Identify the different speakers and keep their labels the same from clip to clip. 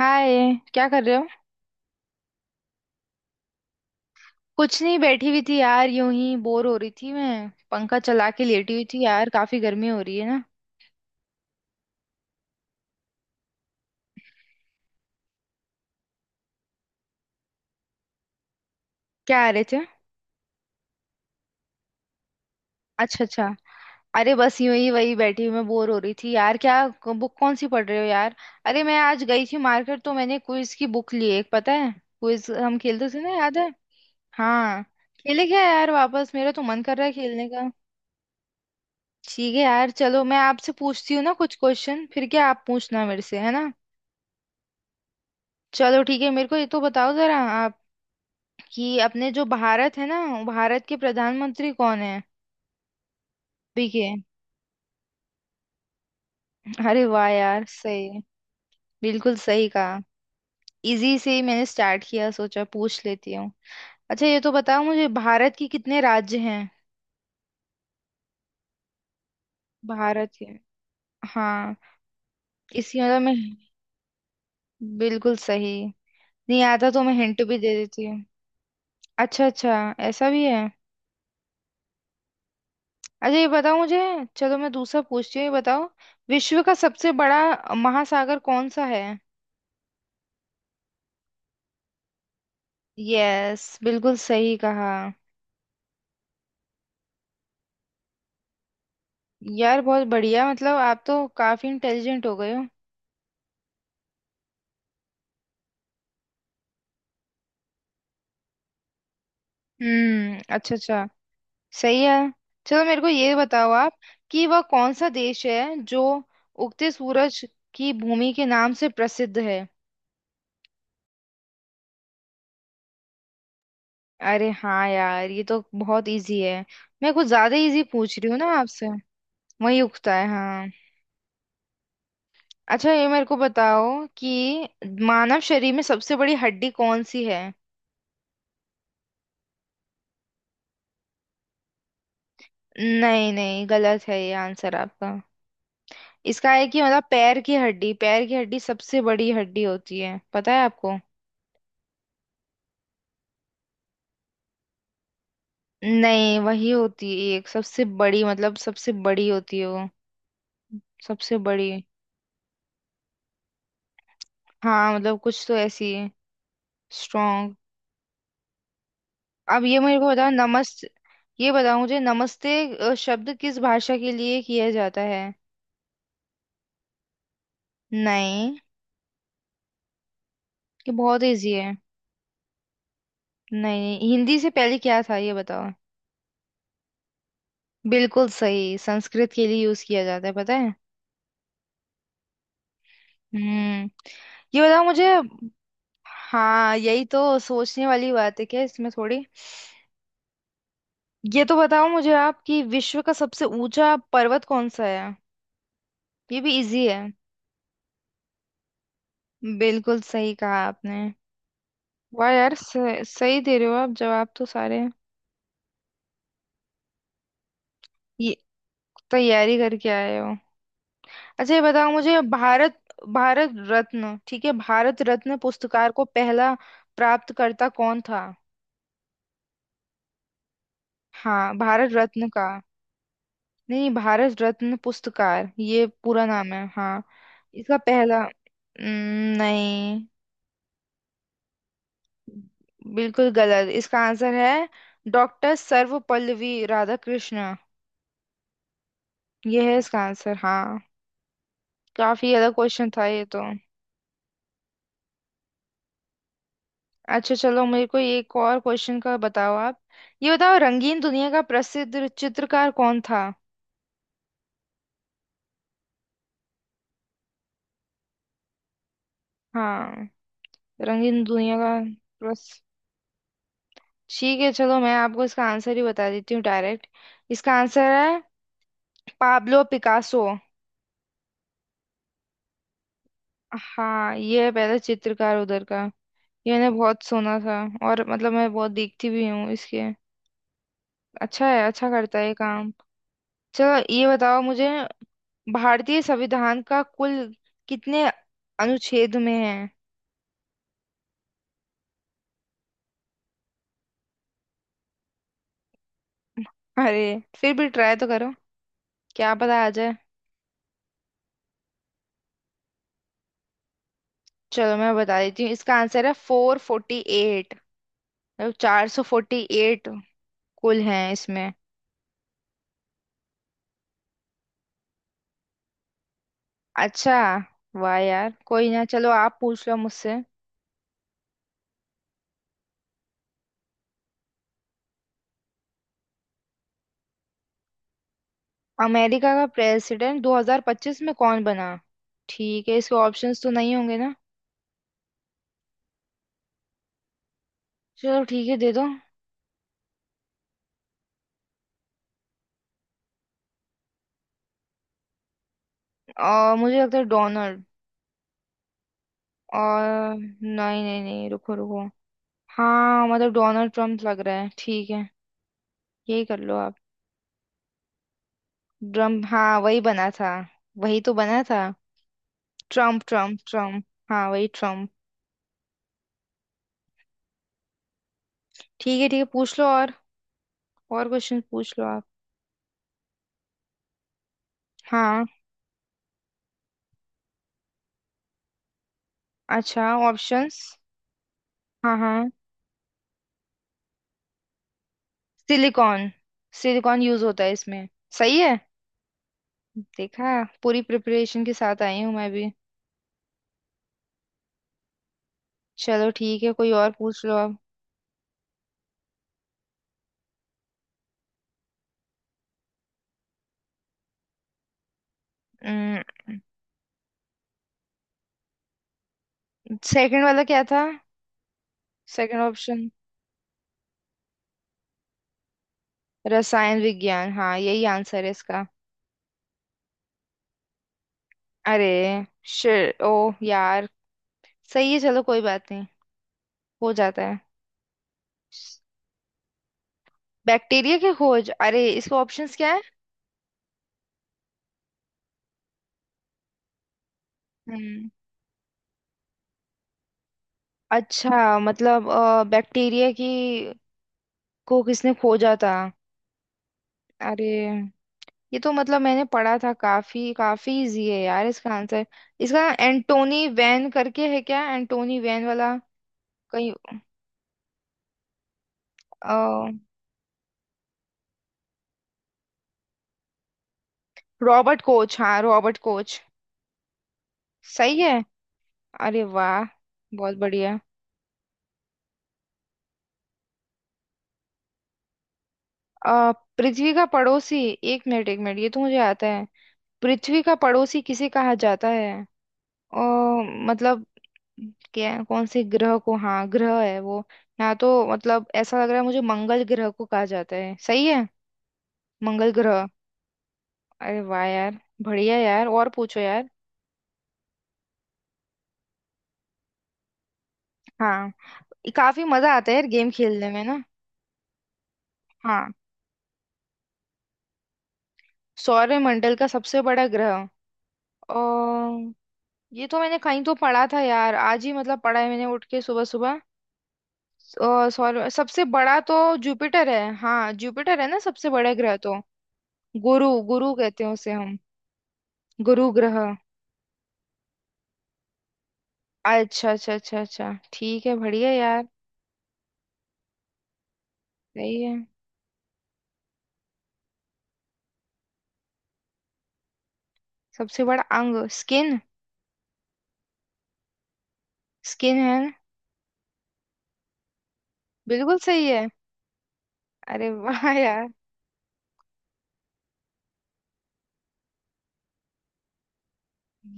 Speaker 1: हाय। क्या कर रहे हो? कुछ नहीं, बैठी हुई थी यार, यूं ही बोर हो रही थी, मैं पंखा चला के लेटी हुई थी यार, काफी गर्मी हो रही है ना। क्या आ रहे थे? अच्छा अच्छा। अरे बस यूं ही वही बैठी हुई, मैं बोर हो रही थी यार क्या। बुक कौन सी पढ़ रहे हो यार? अरे मैं आज गई थी मार्केट तो मैंने क्विज की बुक ली एक, पता है, क्विज हम खेलते थे ना, याद है? हाँ, खेले क्या यार वापस, मेरा तो मन कर रहा है खेलने का। ठीक है यार, चलो मैं आपसे पूछती हूँ ना कुछ क्वेश्चन, फिर क्या आप पूछना मेरे से, है ना। चलो ठीक है, मेरे को ये तो बताओ जरा आप, कि अपने जो भारत है ना, भारत के प्रधानमंत्री कौन है? अभी के? अरे वाह यार, सही। बिल्कुल सही कहा। इजी से ही मैंने स्टार्ट किया, सोचा पूछ लेती हूँ। अच्छा ये तो बताओ मुझे, भारत के कितने राज्य हैं? भारत के। हाँ। इसी मतलब मैं, बिल्कुल सही। नहीं आता तो मैं हिंट भी दे देती हूँ। अच्छा अच्छा, ऐसा भी है। अच्छा ये बताओ मुझे, चलो मैं दूसरा पूछती हूँ, ये बताओ, विश्व का सबसे बड़ा महासागर कौन सा है? यस बिल्कुल सही कहा। यार बहुत बढ़िया, मतलब आप तो काफी इंटेलिजेंट हो गए हो। अच्छा अच्छा। सही है। चलो मेरे को ये बताओ आप, कि वह कौन सा देश है जो उगते सूरज की भूमि के नाम से प्रसिद्ध है? अरे हाँ यार, ये तो बहुत इजी है। मैं कुछ ज्यादा इजी पूछ रही हूँ ना आपसे। वही उगता है हाँ। अच्छा ये मेरे को बताओ कि मानव शरीर में सबसे बड़ी हड्डी कौन सी है? नहीं नहीं, गलत है ये आंसर आपका। इसका है कि मतलब, पैर की हड्डी, पैर की हड्डी सबसे बड़ी हड्डी होती है, पता है आपको। नहीं वही होती है एक, सबसे बड़ी मतलब सबसे बड़ी होती है वो। सबसे बड़ी, हाँ मतलब कुछ तो ऐसी है, स्ट्रॉन्ग। अब ये मेरे को बताओ नमस्ते, ये बताओ मुझे, नमस्ते शब्द किस भाषा के लिए किया जाता है? नहीं। ये बहुत इजी है। नहीं, हिंदी से पहले क्या था ये बताओ। बिल्कुल सही, संस्कृत के लिए यूज किया जाता है, पता है। हम्म। ये बताओ मुझे, हाँ यही तो सोचने वाली बात है, क्या इसमें थोड़ी। ये तो बताओ मुझे आप, कि विश्व का सबसे ऊंचा पर्वत कौन सा है? ये भी इजी है। बिल्कुल सही कहा आपने। वाह यार, सही, सही दे रहे हो आप जवाब तो सारे। ये तैयारी करके आए हो? अच्छा ये बताओ मुझे, भारत, भारत रत्न, ठीक है, भारत रत्न पुरस्कार को पहला प्राप्तकर्ता कौन था? हाँ भारत रत्न का। नहीं, भारत रत्न पुरस्कार, ये पूरा नाम है, हाँ। इसका पहला, नहीं। बिल्कुल गलत इसका आंसर है। डॉक्टर सर्वपल्ली राधाकृष्ण, ये है इसका आंसर हाँ। काफी अलग क्वेश्चन था ये तो। अच्छा चलो मेरे को एक और क्वेश्चन का बताओ आप। ये बताओ, रंगीन दुनिया का प्रसिद्ध चित्रकार कौन था? हाँ। रंगीन दुनिया का प्रस, ठीक है चलो मैं आपको इसका आंसर ही बता देती हूँ डायरेक्ट। इसका आंसर है पाब्लो पिकासो। हाँ ये पहले चित्रकार उधर का। ये मैंने बहुत सुना था, और मतलब मैं बहुत देखती भी हूँ इसके। अच्छा है, अच्छा करता है ये काम। चलो ये बताओ मुझे, भारतीय संविधान का कुल कितने अनुच्छेद में है? अरे फिर भी ट्राई तो करो, क्या पता आ जाए। चलो मैं बता देती हूँ, इसका आंसर है फोर फोर्टी एट, मतलब चार सौ फोर्टी एट, कुल हैं इसमें। अच्छा। वाह यार, कोई ना, चलो आप पूछ लो मुझसे। अमेरिका का प्रेसिडेंट 2025 में कौन बना? ठीक है, इसके ऑप्शंस तो नहीं होंगे ना। चलो ठीक है, दे दो। और मुझे लगता है डोनाल्ड, और नहीं नहीं नहीं, रुको रुको। हाँ मतलब डोनाल्ड ट्रम्प लग रहा है, ठीक है यही कर लो आप। ट्रम्प, हाँ वही बना था, वही तो बना था। ट्रम्प ट्रम्प ट्रम्प, हाँ वही ट्रम्प। ठीक है ठीक है, पूछ लो और क्वेश्चन पूछ लो आप। हाँ। अच्छा। ऑप्शंस। हाँ हाँ, सिलिकॉन, सिलिकॉन यूज होता है इसमें। सही है। देखा, पूरी प्रिपरेशन के साथ आई हूँ मैं भी। चलो ठीक है, कोई और पूछ लो अब। सेकंड वाला क्या था, सेकंड ऑप्शन? रसायन विज्ञान, हाँ यही आंसर है इसका। अरे शिट, ओ यार। सही है, चलो कोई बात नहीं, हो जाता है। बैक्टीरिया की खोज, अरे इसके ऑप्शंस क्या है? हम्म। अच्छा मतलब बैक्टीरिया की को किसने खोजा था। अरे ये तो मतलब मैंने पढ़ा था, काफी काफी इजी है यार इसका आंसर। इसका एंटोनी वैन करके है क्या, एंटोनी वैन वाला कहीं? अ रॉबर्ट कोच, हाँ रॉबर्ट कोच। सही है, अरे वाह, बहुत बढ़िया। अ, पृथ्वी का पड़ोसी, एक मिनट एक मिनट, ये तो मुझे आता है। पृथ्वी का पड़ोसी किसे कहा जाता है? अ, मतलब क्या, कौन से ग्रह को, हाँ ग्रह है वो। यहाँ तो मतलब ऐसा लग रहा है मुझे, मंगल ग्रह को कहा जाता है, सही है? मंगल ग्रह। अरे वाह यार, बढ़िया यार, और पूछो यार। हाँ, काफी मजा आता है यार गेम खेलने में ना। हाँ सौरमंडल का सबसे बड़ा ग्रह, अ, ये तो मैंने कहीं तो पढ़ा था यार, आज ही मतलब पढ़ा है मैंने उठ के सुबह सुबह। सौर सबसे बड़ा तो जुपिटर है, हाँ जुपिटर है ना सबसे बड़ा ग्रह तो। गुरु, गुरु कहते हैं उसे हम, गुरु ग्रह। अच्छा अच्छा अच्छा अच्छा, ठीक है, बढ़िया यार। सही है। सबसे बड़ा अंग स्किन, स्किन है ना? बिल्कुल सही है। अरे वाह यार।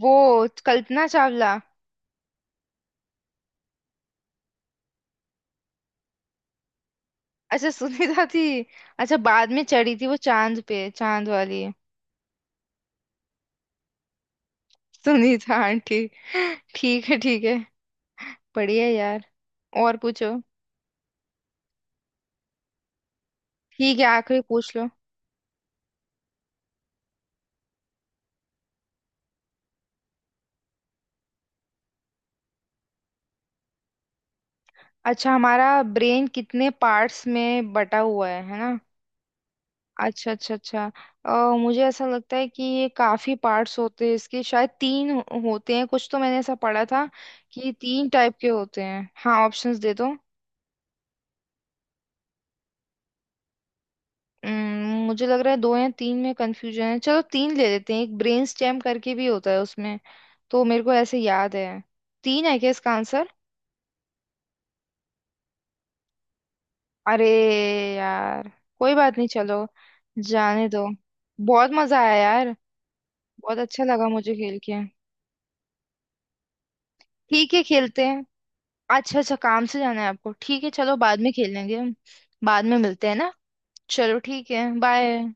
Speaker 1: वो कल्पना चावला। अच्छा सुनीता थी। अच्छा बाद में चढ़ी थी वो चांद पे, चांद वाली। सुनीता आंटी। ठीक है ठीक है, बढ़िया यार, और पूछो। ठीक है, आखिरी पूछ लो। अच्छा, हमारा ब्रेन कितने पार्ट्स में बटा हुआ है ना? अच्छा अच्छा अच्छा। मुझे ऐसा लगता है कि ये काफी पार्ट्स होते हैं इसके, शायद होते हैं कुछ तो, मैंने ऐसा पढ़ा था कि तीन टाइप के होते हैं। हाँ ऑप्शंस दे दो। मुझे लग रहा है दो या तीन में कंफ्यूजन है, चलो तीन ले लेते हैं, एक ब्रेन स्टेम करके भी होता है उसमें, तो मेरे को ऐसे याद है। तीन है क्या इसका आंसर? अरे यार, कोई बात नहीं, चलो जाने दो। बहुत मजा आया यार, बहुत अच्छा लगा मुझे खेल के। ठीक है खेलते हैं। अच्छा अच्छा, काम से जाना है आपको, ठीक है चलो बाद में खेल लेंगे हम। बाद में मिलते हैं ना। चलो ठीक है, बाय।